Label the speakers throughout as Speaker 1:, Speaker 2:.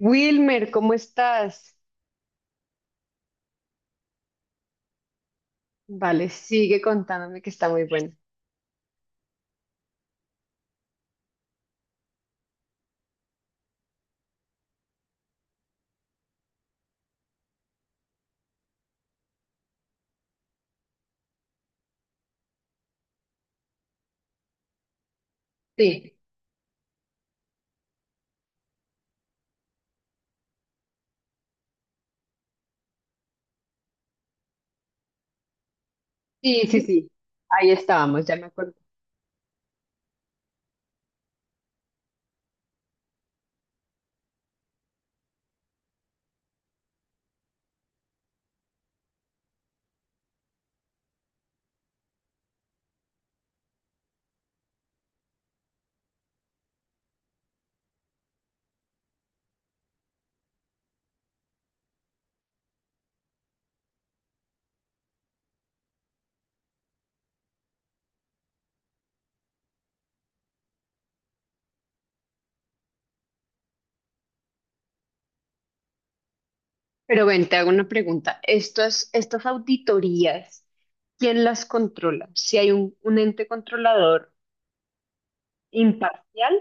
Speaker 1: Wilmer, ¿cómo estás? Vale, sigue contándome que está muy bueno. Sí, sí, sí, sí. Ahí estábamos, ya me acuerdo. Pero ven, te hago una pregunta. Estas auditorías, ¿quién las controla? Si hay un ente controlador imparcial.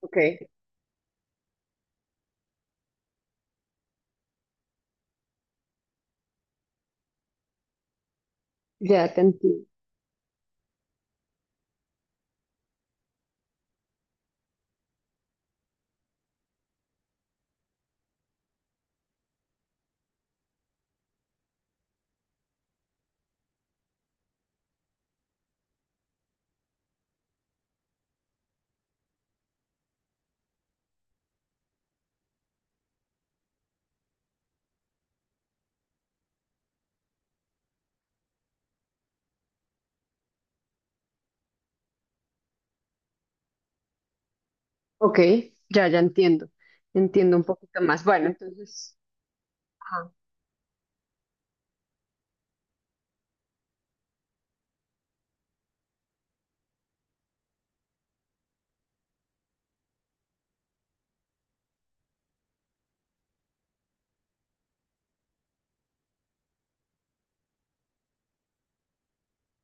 Speaker 1: Ok, ya te entiendo. Ok, ya, ya entiendo. Entiendo un poquito más. Bueno, entonces, ajá.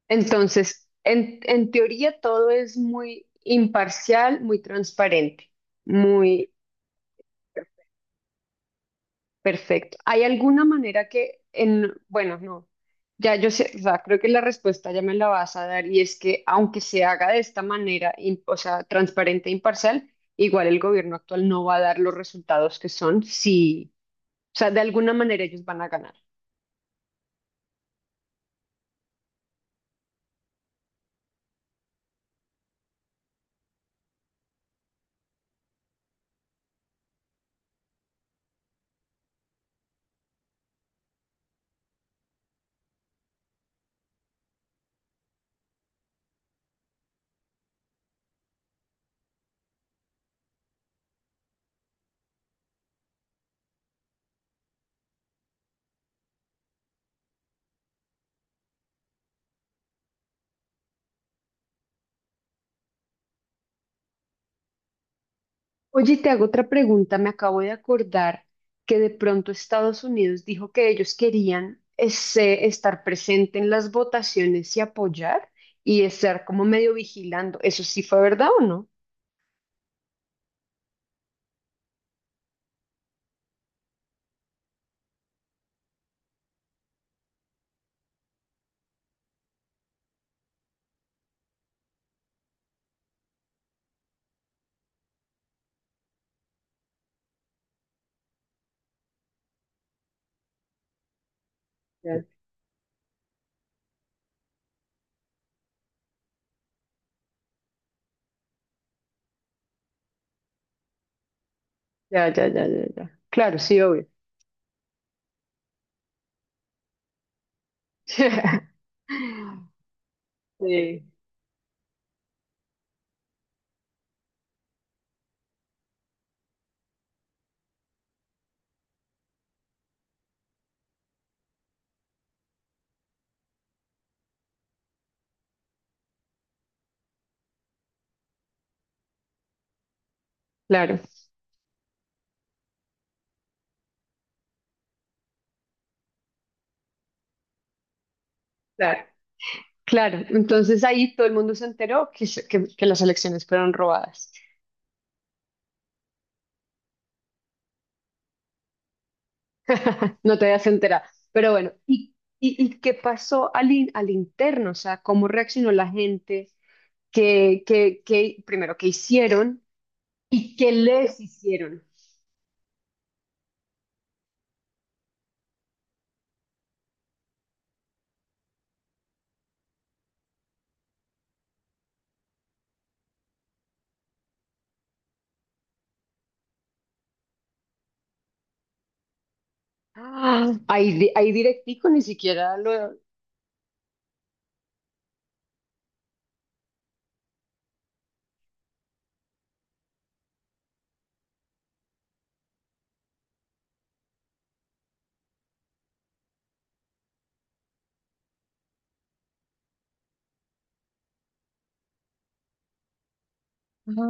Speaker 1: Entonces, en teoría todo es muy imparcial, muy transparente, muy... Perfecto. ¿Hay alguna manera que en, bueno, no, ya yo sé, o sea, creo que la respuesta ya me la vas a dar y es que aunque se haga de esta manera, im- o sea, transparente e imparcial, igual el gobierno actual no va a dar los resultados que son si, o sea, de alguna manera ellos van a ganar. Oye, te hago otra pregunta, me acabo de acordar que de pronto Estados Unidos dijo que ellos querían ese- estar presente en las votaciones y apoyar y estar como medio vigilando. ¿Eso sí fue verdad o no? Ya, ya, ya, ya, ya. Ya. Claro, sí, obvio. Sí, claro, claro, claro. Entonces ahí todo el mundo se enteró que las elecciones fueron robadas. No te habías enterado. Pero bueno, ¿y qué pasó al, in- al interno? O sea, ¿cómo reaccionó la gente? ¿Qué, qué, qué- primero, qué hicieron y qué les hicieron? Ah, ahí, di- ahí directico ni siquiera lo...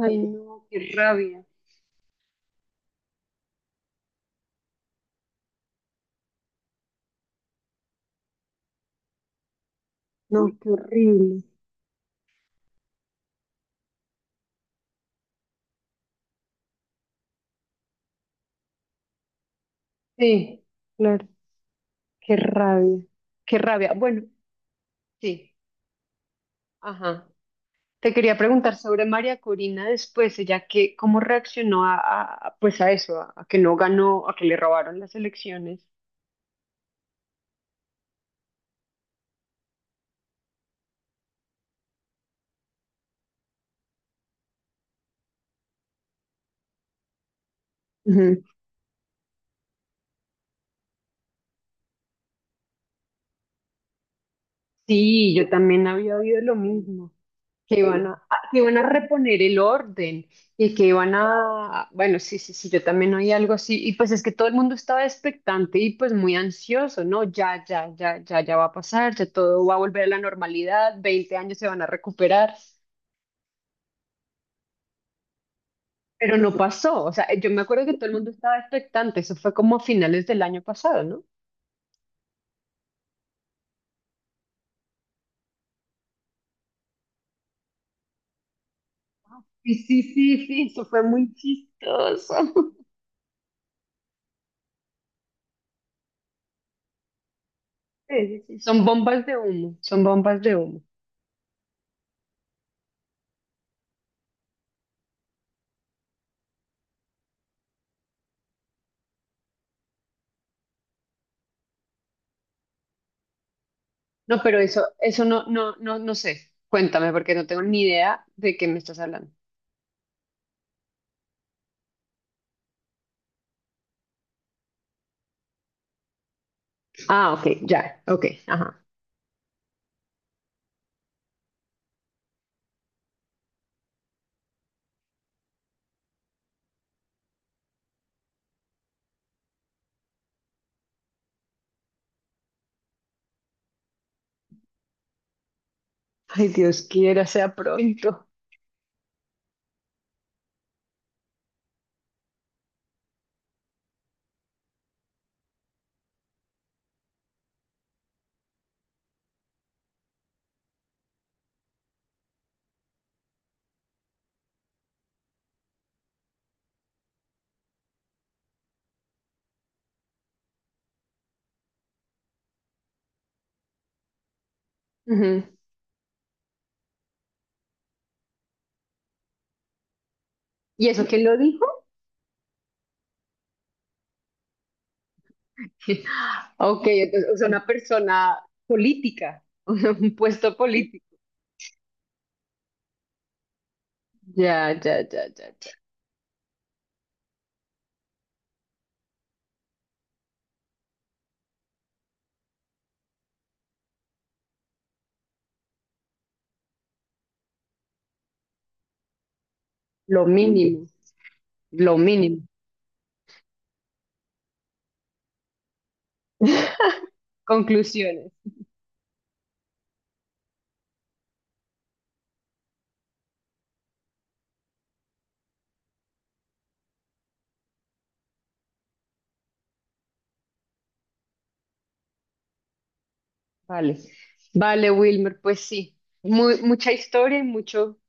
Speaker 1: Ay, no, qué rabia. No, qué horrible. Sí, claro, qué rabia, qué rabia. Bueno, sí, ajá. Te quería preguntar sobre María Corina después, ella que, cómo reaccionó a, pues a eso, a que no ganó, a que le robaron las elecciones. Ujú. Sí, yo también había oído lo mismo. Que iban a, que iban a reponer el orden y que iban a, bueno, sí, sí, sí, yo también oí algo así, y pues es que todo el mundo estaba expectante y pues muy ansioso, ¿no? Ya, ya, ya, ya, ya va a pasar, ya todo va a volver a la normalidad, 20 años se van a recuperar, pero no pasó, o sea, yo me acuerdo que todo el mundo estaba expectante, eso fue como a finales del año pasado, ¿no? Sí, sí, sí, sí, eso fue muy chistoso. Sí, sí, sí, son bombas de humo, son bombas de humo. No, pero eso no, no, no, no sé. Cuéntame, porque no tengo ni idea de qué me estás hablando. Ah, ok, ya, ok, ajá. Ay, Dios quiera, sea pronto. Ujú. ¿Y eso quién lo dijo? Ok, entonces, o sea, una persona política, un puesto político. Ya, ya, ya, ya, ya. Lo mínimo, lo mínimo. Conclusiones. Vale. Vale, Wilmer, pues sí. Muy, mucha historia y mucho,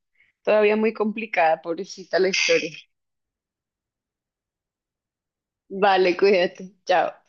Speaker 1: todavía muy complicada, pobrecita la historia. Vale, cuídate. Chao.